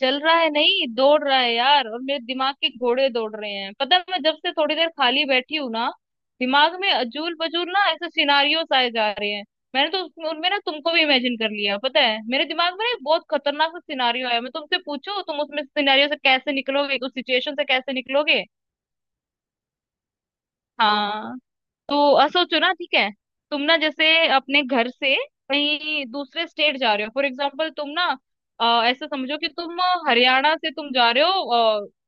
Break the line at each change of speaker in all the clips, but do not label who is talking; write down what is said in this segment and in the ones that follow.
चल रहा है, नहीं दौड़ रहा है यार। और मेरे दिमाग के घोड़े दौड़ रहे हैं। पता है, मैं जब से थोड़ी देर खाली बैठी हूँ ना, दिमाग में अजूल पजूल ना ऐसे सिनारियोस आए जा रहे हैं। मैंने तो उसमें उनमें ना तुमको भी इमेजिन कर लिया। पता है, मेरे दिमाग में ना एक बहुत खतरनाक सा सिनारियो आया। मैं तुमसे पूछूं तुम उसमें सिनारियो से कैसे निकलोगे, उस सिचुएशन से कैसे निकलोगे। हाँ। तो सोचो ना, ठीक है। तुम ना जैसे अपने घर से कहीं दूसरे स्टेट जा रहे हो, फॉर एग्जाम्पल, तुम ना ऐसा समझो कि तुम हरियाणा से तुम जा रहे हो अपना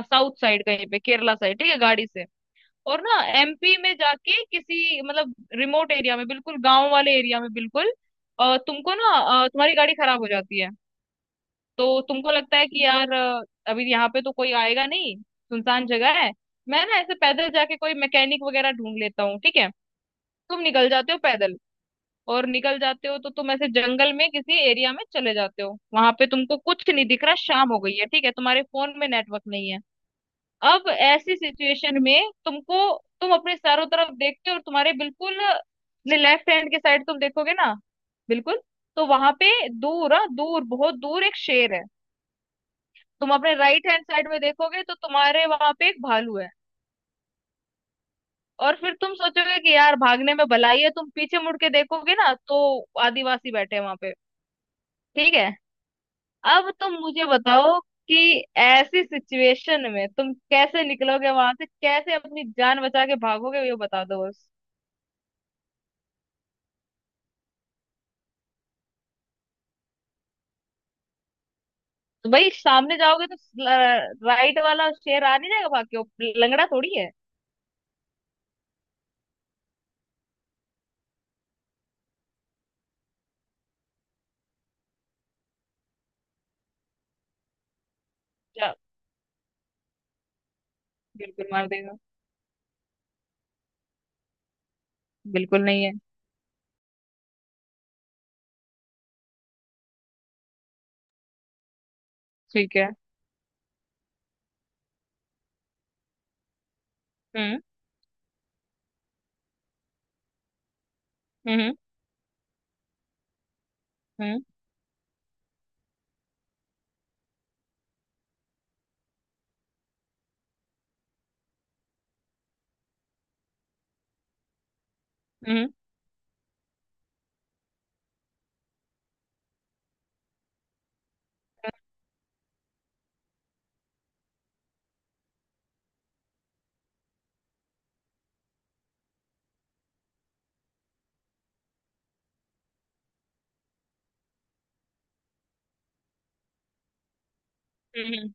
साउथ साइड, कहीं पे केरला साइड, ठीक है, गाड़ी से। और ना एमपी में जाके किसी मतलब रिमोट एरिया में, बिल्कुल गांव वाले एरिया में, बिल्कुल तुमको ना तुम्हारी गाड़ी खराब हो जाती है। तो तुमको लगता है कि यार अभी यहाँ पे तो कोई आएगा नहीं, सुनसान जगह है। मैं ना ऐसे पैदल जाके कोई मैकेनिक वगैरह ढूंढ लेता हूँ, ठीक है। तुम निकल जाते हो पैदल और निकल जाते हो, तो तुम ऐसे जंगल में किसी एरिया में चले जाते हो। वहां पे तुमको कुछ नहीं दिख रहा, शाम हो गई है, ठीक है, तुम्हारे फोन में नेटवर्क नहीं है। अब ऐसी सिचुएशन में तुमको, तुम अपने चारों तरफ देखते हो और तुम्हारे बिल्कुल लेफ्ट हैंड के साइड तुम देखोगे ना, बिल्कुल, तो वहां पे दूर, हाँ दूर, बहुत दूर एक शेर है। तुम अपने राइट हैंड साइड में देखोगे तो तुम्हारे वहां पे एक भालू है। और फिर तुम सोचोगे कि यार भागने में भलाई है। तुम पीछे मुड़ के देखोगे ना, तो आदिवासी बैठे हैं वहां पे, ठीक है। अब तुम मुझे बताओ कि ऐसी सिचुएशन में तुम कैसे निकलोगे, वहां से कैसे अपनी जान बचा के भागोगे, ये बता दो बस। तो भाई सामने जाओगे तो राइट वाला शेर आ नहीं जाएगा भाग के? वो लंगड़ा थोड़ी है। जा, बिल्कुल मार देगा। बिल्कुल नहीं है। ठीक है। हम्म। हम्म। हम्म। हम्म। हम्म।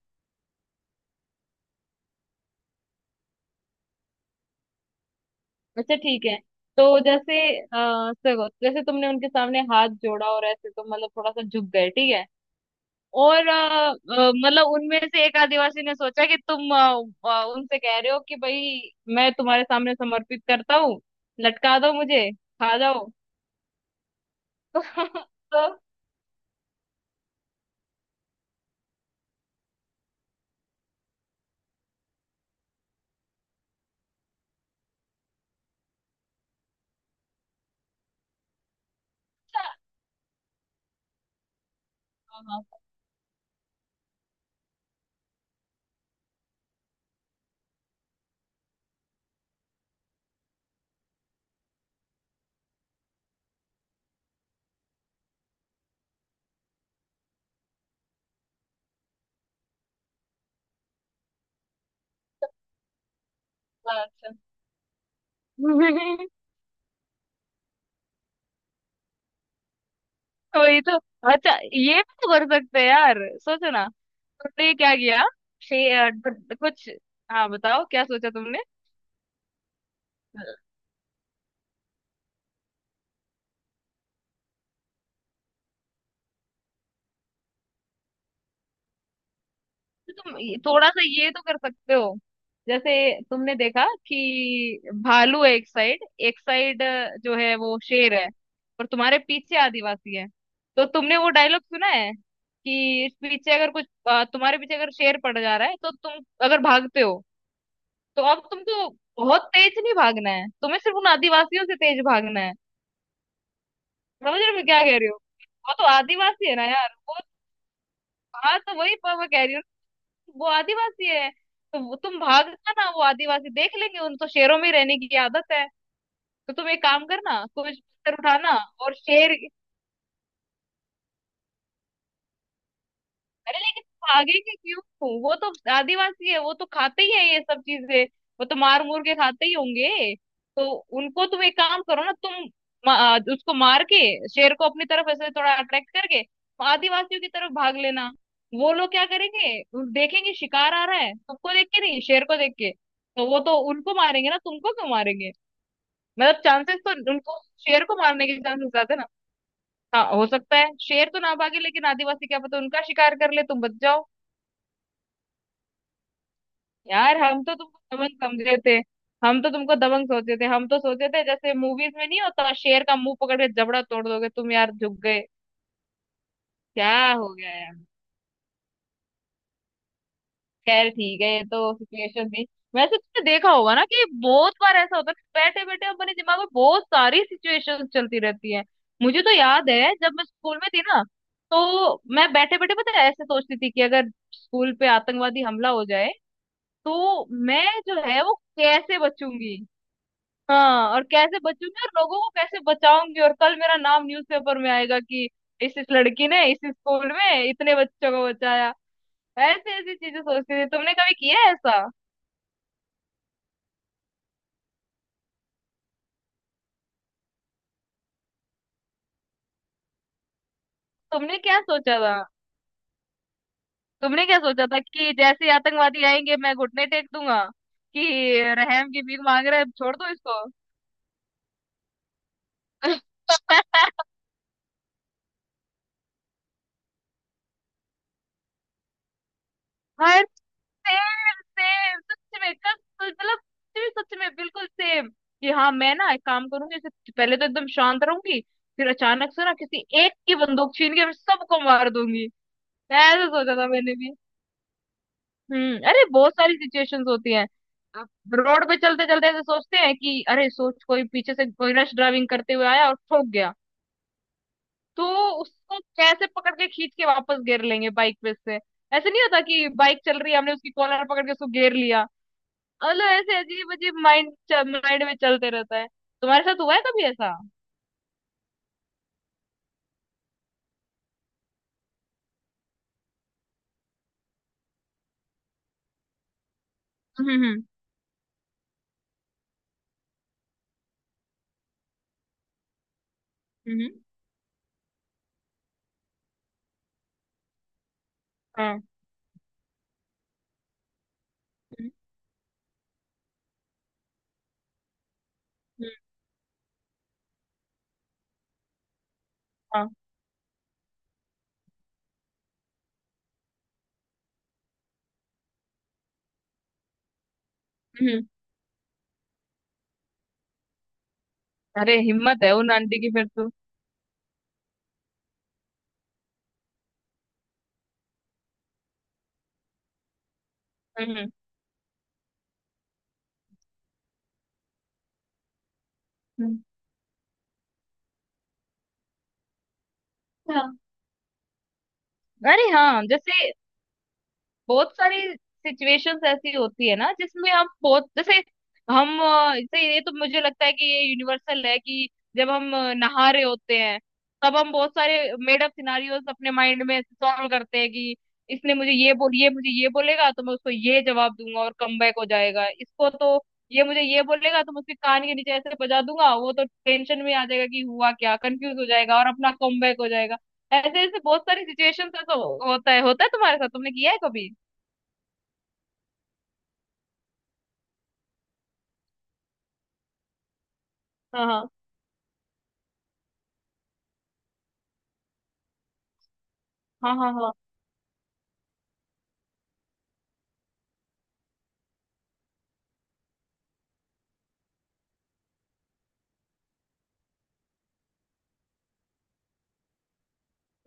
अच्छा, ठीक है। तो जैसे देखो, जैसे तुमने उनके सामने हाथ जोड़ा और ऐसे तो मतलब थोड़ा सा झुक गए, ठीक है। और मतलब उनमें से एक आदिवासी ने सोचा कि तुम उनसे कह रहे हो कि भाई मैं तुम्हारे सामने समर्पित करता हूँ, लटका दो मुझे, खा जाओ। तो, तो अच्छा। वही तो। अच्छा, ये भी तो कर सकते हैं यार, सोचो ना। तुमने क्या किया? कुछ, हाँ बताओ क्या सोचा तुमने। तो तुम थोड़ा सा ये तो कर सकते हो। जैसे तुमने देखा कि भालू है एक साइड, एक साइड जो है वो शेर है, और तुम्हारे पीछे आदिवासी है। तो तुमने वो डायलॉग सुना है कि इस पीछे अगर कुछ तुम्हारे पीछे अगर शेर पड़ जा रहा है तो तुम अगर भागते हो, तो अब तुमको बहुत तेज नहीं भागना है, तुम्हें सिर्फ उन आदिवासियों से तेज भागना है। समझ रहे हो मैं क्या कह रही हूँ? वो तो आदिवासी है ना यार वो। हाँ, तो वही पर मैं कह रही हूँ, वो आदिवासी है। तो तुम भागना ना वो आदिवासी देख लेंगे, उन तो शेरों में रहने की आदत है। तो तुम एक काम करना, कुछ पत्थर उठाना और शेर, अरे लेकिन भागेंगे क्यों? वो तो आदिवासी है, वो तो खाते ही है ये सब चीजें, वो तो मार मूर के खाते ही होंगे। तो उनको तुम एक काम करो ना, तुम उसको मार के शेर को अपनी तरफ ऐसे थोड़ा अट्रैक्ट करके आदिवासियों की तरफ भाग लेना। वो लोग क्या करेंगे? देखेंगे शिकार आ रहा है, तुमको देख के नहीं, शेर को देख के। तो वो तो उनको मारेंगे ना, तुमको क्यों मारेंगे? मतलब चांसेस तो उनको, शेर को मारने के चांसेस ज्यादा है ना। हाँ हो सकता है शेर तो ना भागे लेकिन आदिवासी क्या पता उनका शिकार कर ले, तुम बच जाओ। यार हम तो तुमको दबंग समझे थे, हम तो तुमको दबंग सोचे थे। हम तो सोचे थे जैसे मूवीज में नहीं होता, शेर का मुंह पकड़ के जबड़ा तोड़ दोगे तुम, यार झुक गए। क्या हो गया यार। खैर ठीक है, ये तो सिचुएशन थी। वैसे तुमने देखा होगा ना कि बहुत बार ऐसा होता है, बैठे बैठे अपने दिमाग में बहुत सारी सिचुएशन चलती रहती है। मुझे तो याद है जब मैं स्कूल में थी ना, तो मैं बैठे बैठे, पता है, ऐसे सोचती थी कि अगर स्कूल पे आतंकवादी हमला हो जाए, तो मैं जो है वो कैसे बचूंगी। हाँ, और कैसे बचूंगी और लोगों को कैसे बचाऊंगी और कल मेरा नाम न्यूज़पेपर में आएगा कि इस लड़की ने इस स्कूल में इतने बच्चों को बचाया। ऐसे ऐसी चीजें सोचती थी। तुमने कभी किया है ऐसा? तुमने क्या सोचा था? तुमने क्या सोचा था कि जैसे ही आतंकवादी आएंगे मैं घुटने टेक दूंगा कि रहम की भीख मांग रहे हैं, छोड़ दो इसको? हाय, सेम। सेम, सच में, कस, मतलब सच में, सच में बिल्कुल सेम। कि हाँ मैं ना एक काम करूंगी, जैसे पहले तो एकदम शांत रहूंगी, फिर अचानक से ना किसी एक की बंदूक छीन के मैं सबको मार दूंगी। ऐसे सोचा था मैंने भी। हम्म। अरे बहुत सारी सिचुएशंस होती हैं। आप रोड पे चलते चलते ऐसे सोचते हैं कि अरे सोच, कोई पीछे से कोई रश ड्राइविंग करते हुए आया और ठोक गया, तो उसको कैसे पकड़ के खींच के वापस घेर लेंगे बाइक पे से। ऐसे नहीं होता कि बाइक चल रही है हमने उसकी कॉलर पकड़ के उसको घेर लिया। मतलब ऐसे अजीब अजीब माइंड, माइंड में चलते रहता है। तुम्हारे साथ हुआ है कभी ऐसा? हम्म। हम्म। हम्म। हाँ। हम्म, हम्म, हाँ, हम्म। अरे हिम्मत है उन आंटी की फिर तो। हम्म। हम्म। हाँ। अरे हाँ, जैसे बहुत सारी सिचुएशंस ऐसी होती है ना जिसमें हम, बहुत जैसे, हम जैसे ये तो मुझे लगता है कि ये यूनिवर्सल है कि जब हम नहा रहे होते हैं, तब हम बहुत सारे मेड अप सिनारियोस अपने माइंड में सॉल्व करते हैं कि इसने मुझे ये बोल, ये मुझे ये बोलेगा तो मैं उसको ये जवाब दूंगा और कमबैक हो जाएगा इसको तो। ये मुझे ये बोलेगा तो मैं उसके कान के नीचे ऐसे बजा दूंगा, वो तो टेंशन में आ जाएगा कि हुआ क्या, कंफ्यूज हो जाएगा और अपना कमबैक हो जाएगा। ऐसे ऐसे बहुत सारी सिचुएशंस, होता है, होता है तुम्हारे साथ, तुमने किया है कभी? हाँ हाँ हाँ, हाँ हाँ।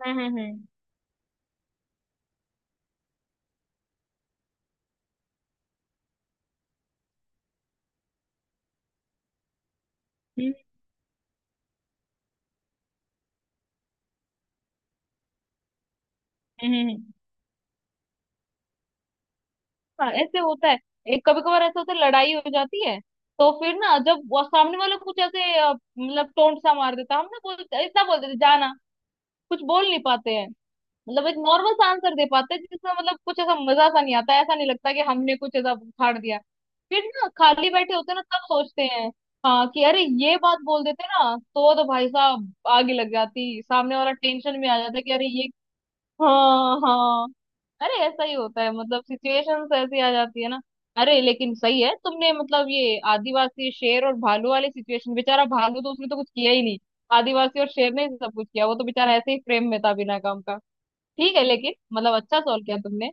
हम्म। हम्म। हम्म। हम्म। हाँ ऐसे होता है। एक कभी कभार ऐसा होता है, लड़ाई हो जाती है, तो फिर ना जब वो सामने वाला कुछ ऐसे मतलब टोंट सा मार देता है, हम ना बोलते इतना बोल देते जाना, कुछ बोल नहीं पाते हैं। मतलब एक नॉर्मल सा आंसर दे पाते हैं जिसमें मतलब कुछ ऐसा मजा सा नहीं आता, ऐसा नहीं लगता कि हमने कुछ ऐसा उखाड़ दिया। फिर ना खाली बैठे होते हैं ना, तब सोचते हैं हाँ कि अरे ये बात बोल देते ना तो भाई साहब आग ही लग जाती, सामने वाला टेंशन में आ जाता है कि अरे ये। हाँ हाँ। अरे ऐसा ही होता है, मतलब सिचुएशंस ऐसी आ जाती है ना। अरे लेकिन सही है तुमने, मतलब ये आदिवासी, शेर और भालू वाली सिचुएशन, बेचारा भालू तो उसने तो कुछ किया ही नहीं, आदिवासी और शेर ने ही सब कुछ किया। वो तो बेचारा ऐसे ही फ्रेम में था बिना काम का। ठीक है, लेकिन मतलब अच्छा सॉल्व किया तुमने।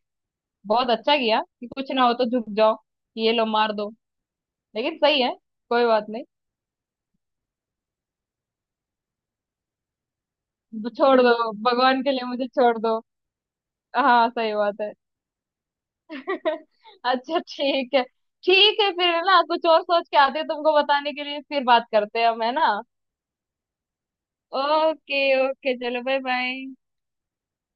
बहुत अच्छा किया कि कुछ ना हो तो झुक जाओ कि ये लो, मार दो। लेकिन सही है। कोई बात नहीं, छोड़ दो भगवान के लिए, मुझे छोड़ दो। हाँ सही बात है। अच्छा ठीक है। ठीक है, फिर ना कुछ और सोच के आते हैं तुमको बताने के लिए, फिर बात करते हैं हम, है ना। ओके ओके, चलो बाय बाय।